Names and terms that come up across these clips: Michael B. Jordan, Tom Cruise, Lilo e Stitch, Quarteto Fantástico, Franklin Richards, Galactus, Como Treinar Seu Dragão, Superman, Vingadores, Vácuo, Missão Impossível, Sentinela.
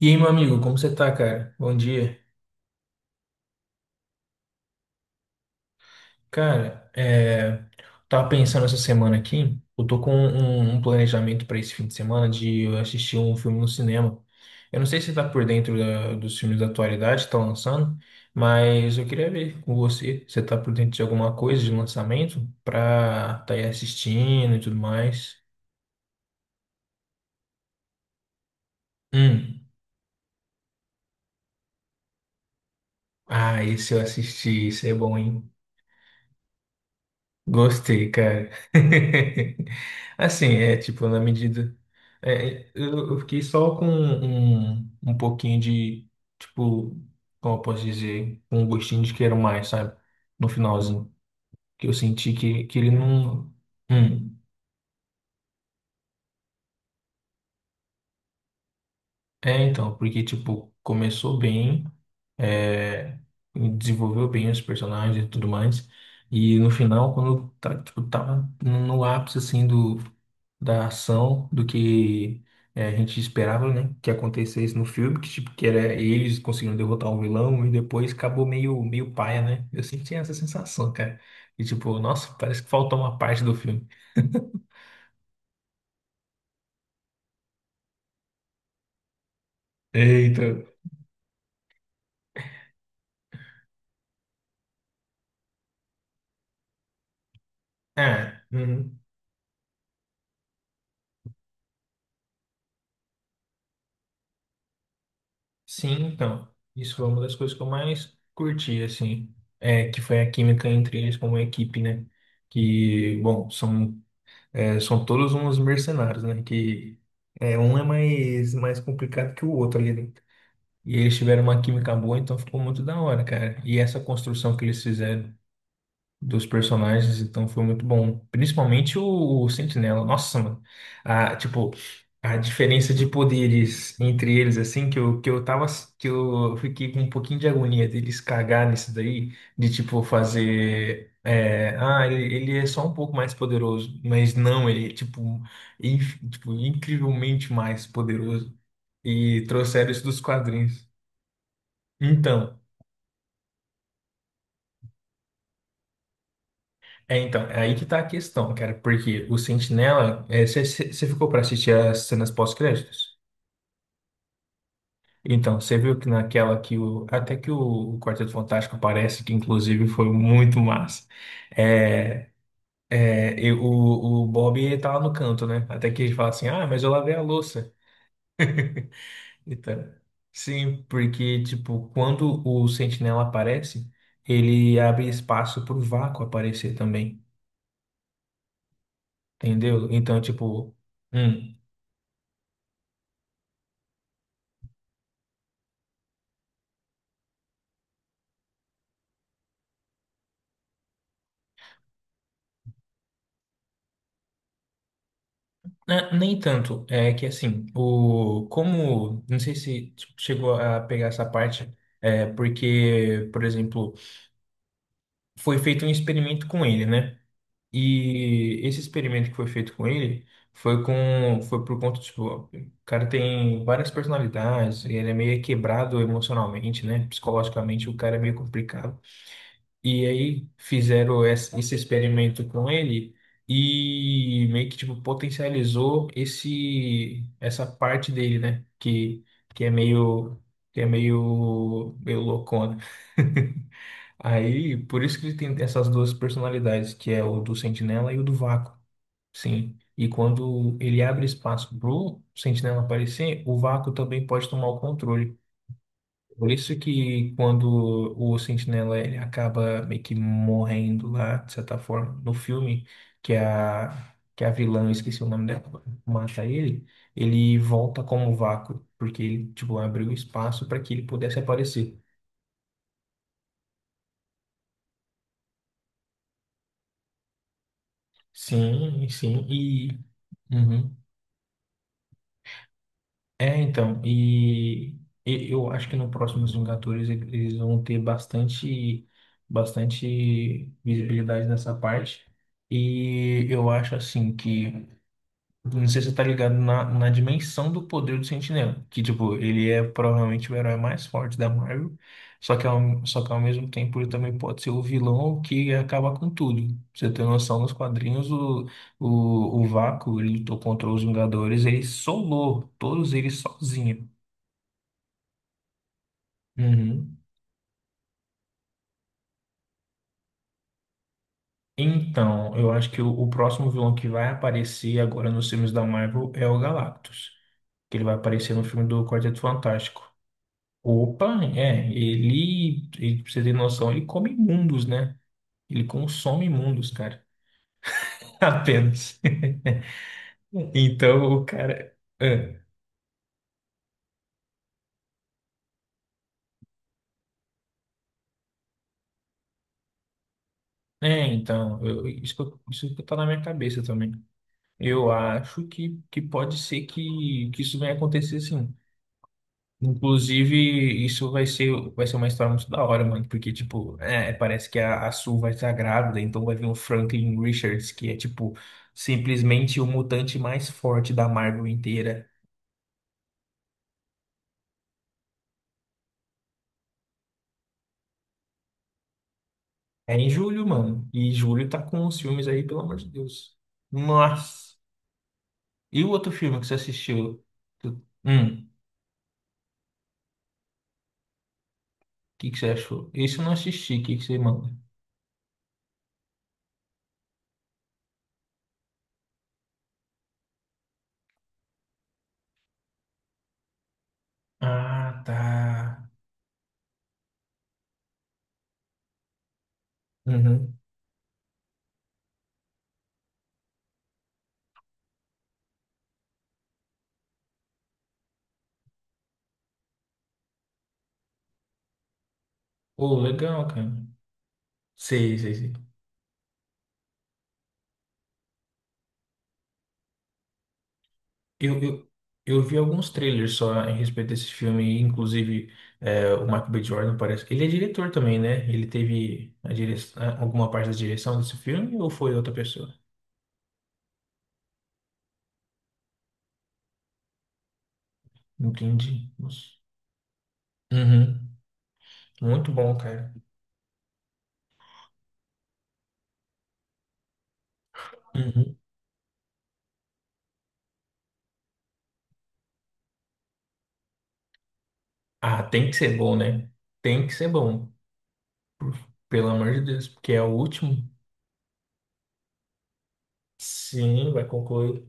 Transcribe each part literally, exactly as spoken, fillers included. E aí, meu amigo, como você tá, cara? Bom dia. Cara, é, tava pensando essa semana aqui, eu tô com um, um planejamento pra esse fim de semana de eu assistir um filme no cinema. Eu não sei se você tá por dentro da- dos filmes da atualidade que tá lançando, mas eu queria ver com você, você tá por dentro de alguma coisa de lançamento pra tá aí assistindo e tudo mais. Hum. Ah, esse eu assisti, esse é bom, hein? Gostei, cara. Assim, é tipo, na medida. é, eu, eu fiquei só com um, um pouquinho de, tipo, como eu posso dizer, com um gostinho de quero mais, sabe? No finalzinho. Que eu senti que, que ele não. Hum. É, então, porque, tipo, começou bem. é, desenvolveu bem os personagens e tudo mais. E no final, quando tá, tipo, tava no ápice assim do, da ação, do que é, a gente esperava, né, que acontecesse no filme, que tipo que era eles conseguindo derrotar o vilão e depois acabou meio meio paia, né? Eu senti essa sensação, cara. E tipo, nossa, parece que faltou uma parte do filme. Eita. Ah, uhum. Sim, então, isso foi uma das coisas que eu mais curti, assim, é que foi a química entre eles como equipe, né? Que, bom, são, é, são todos uns mercenários, né? Que é, um é mais, mais complicado que o outro ali dentro. E eles tiveram uma química boa, então ficou muito da hora, cara. E essa construção que eles fizeram dos personagens, então foi muito bom. Principalmente o, o Sentinela. Nossa, mano. A, tipo, a diferença de poderes entre eles, assim, que eu, que eu tava, que eu fiquei com um pouquinho de agonia deles cagar nisso daí, de tipo fazer. é, ah, ele, ele é só um pouco mais poderoso, mas não, ele é tipo, inf- tipo incrivelmente mais poderoso. E trouxeram isso dos quadrinhos. Então. É, então, é aí que tá a questão, cara, porque o Sentinela, você ficou pra assistir as cenas pós-créditos? Então, você viu que naquela que o. Até que o Quarteto Fantástico aparece, que inclusive foi muito massa. É, é, e o, o Bob ele tá lá no canto, né? Até que ele fala assim: ah, mas eu lavei a louça. Então, sim, porque, tipo, quando o Sentinela aparece, ele abre espaço pro vácuo aparecer também, entendeu? Então, tipo. hum, É, nem tanto. É que assim, o como não sei se chegou a pegar essa parte, é porque, por exemplo, foi feito um experimento com ele, né? E esse experimento que foi feito com ele foi com foi por conta tipo, o cara tem várias personalidades, ele é meio quebrado emocionalmente, né? Psicologicamente o cara é meio complicado. E aí fizeram esse esse experimento com ele e meio que tipo potencializou esse essa parte dele, né? Que que é meio que é meio meio loucona. Aí por isso que ele tem essas duas personalidades, que é o do Sentinela e o do Vácuo. Sim. E quando ele abre espaço pro Sentinela aparecer, o Vácuo também pode tomar o controle. Por isso que quando o Sentinela ele acaba meio que morrendo lá, de certa forma, no filme, que é a, que é a vilã, eu esqueci o nome dela, mata ele, ele volta como vácuo, porque ele, tipo, abriu espaço para que ele pudesse aparecer. Sim, sim, e... uhum. É, então, e, e eu acho que no próximo Vingadores ele- eles vão ter bastante, bastante visibilidade nessa parte. E eu acho assim que não sei se você tá ligado na, na dimensão do poder do Sentinela. Que, tipo, ele é provavelmente o herói mais forte da Marvel. Só que, ao, só que ao mesmo tempo ele também pode ser o vilão que acaba com tudo. Pra você ter noção, nos quadrinhos, o, o, o Vácuo, ele lutou contra os Vingadores, ele solou todos eles sozinho. Uhum. Então, eu acho que o, o próximo vilão que vai aparecer agora nos filmes da Marvel é o Galactus. Que ele vai aparecer no filme do Quarteto Fantástico. Opa, é, ele, ele, pra você ter noção, ele come mundos, né? Ele consome mundos, cara. Apenas. Então, o cara. É, é, então, eu- isso, que eu- isso que tá na minha cabeça também. Eu acho que, que pode ser que, que isso venha acontecer sim. Inclusive, isso vai ser, vai ser uma história muito da hora, mano. Porque, tipo, é, parece que a, a Sue vai estar grávida, então vai vir o Franklin Richards, que é, tipo, simplesmente o mutante mais forte da Marvel inteira. É em julho, mano. E julho tá com os filmes aí, pelo amor de Deus. Nossa. E o outro filme que você assistiu? Tu- Hum, o que que você achou? Esse eu não assisti, o que que você manda? Ah, tá. Uhum. Pô, legal, cara. Sei, sei, sei. Eu, eu, eu vi alguns trailers só em respeito desse filme, inclusive é, o Michael B. Jordan parece. Que ele é diretor também, né? Ele teve a dire... a- alguma parte da direção desse filme ou foi outra pessoa? Entendi. Nossa. Uhum. Muito bom, cara. Uhum. Ah, tem que ser bom, né? Tem que ser bom. Por- Pelo amor de Deus, porque é o último. Sim, vai concluir.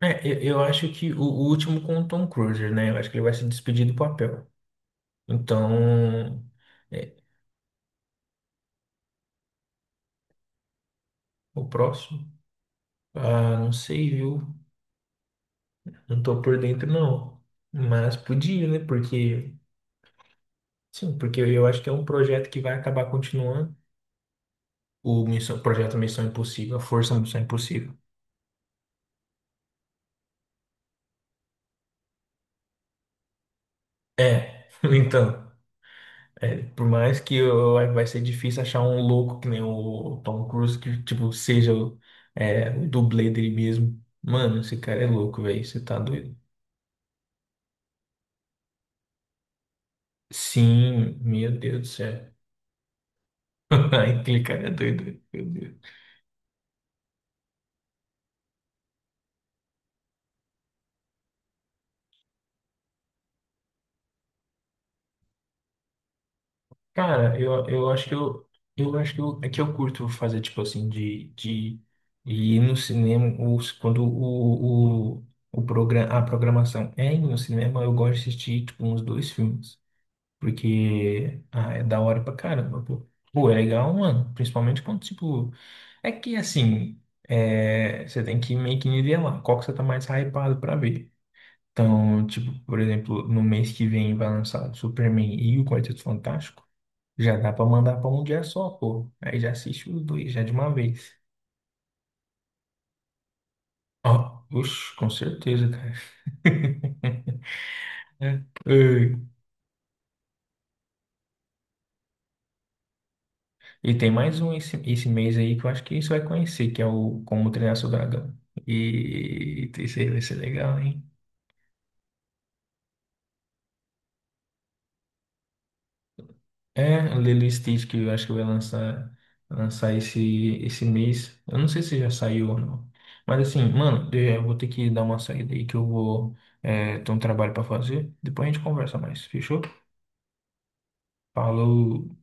É, eu, eu acho que o, o último com o Tom Cruise, né? Eu acho que ele vai se despedir do papel. Então, é, o próximo? Ah, não sei, viu? Não tô por dentro, não. Mas podia, né? Porque, sim, porque eu acho que é um projeto que vai acabar continuando. O Missão, projeto Missão Impossível, a Força Missão Impossível. É, então. É, por mais que eu, vai vai ser difícil achar um louco que nem o Tom Cruise, que, tipo, seja o, é, o dublê dele mesmo. Mano, esse cara é louco, velho. Você tá doido? Sim, meu Deus do céu. Aquele cara é doido, meu Deus. Cara, eu, eu acho que eu, eu acho que eu, é que eu curto fazer, tipo assim, de, de ir no cinema os, quando o, o, o programa, a programação é ir no cinema, eu gosto de assistir, tipo, uns dois filmes. Porque ah, é da hora pra caramba, pô. Pô, é legal, mano. Principalmente quando, tipo. É que assim, é, você tem que meio que nivelar. Qual que você tá mais hypado pra ver? Então, tipo, por exemplo, no mês que vem vai lançar Superman e o Quarteto Fantástico. Já dá pra mandar pra um dia só, pô. Aí já assiste os dois, já de uma vez. Ó, oxe, com certeza, cara. Ai, e tem mais um esse, esse mês aí que eu acho que você vai conhecer, que é o Como Treinar Seu Dragão. E esse aí vai ser legal, hein? É, o Lilo e Stitch que eu acho que vai lançar, lançar esse, esse mês. Eu não sei se já saiu ou não. Mas assim, mano, eu vou ter que dar uma saída aí que eu vou, é, ter um trabalho pra fazer. Depois a gente conversa mais, fechou? Falou!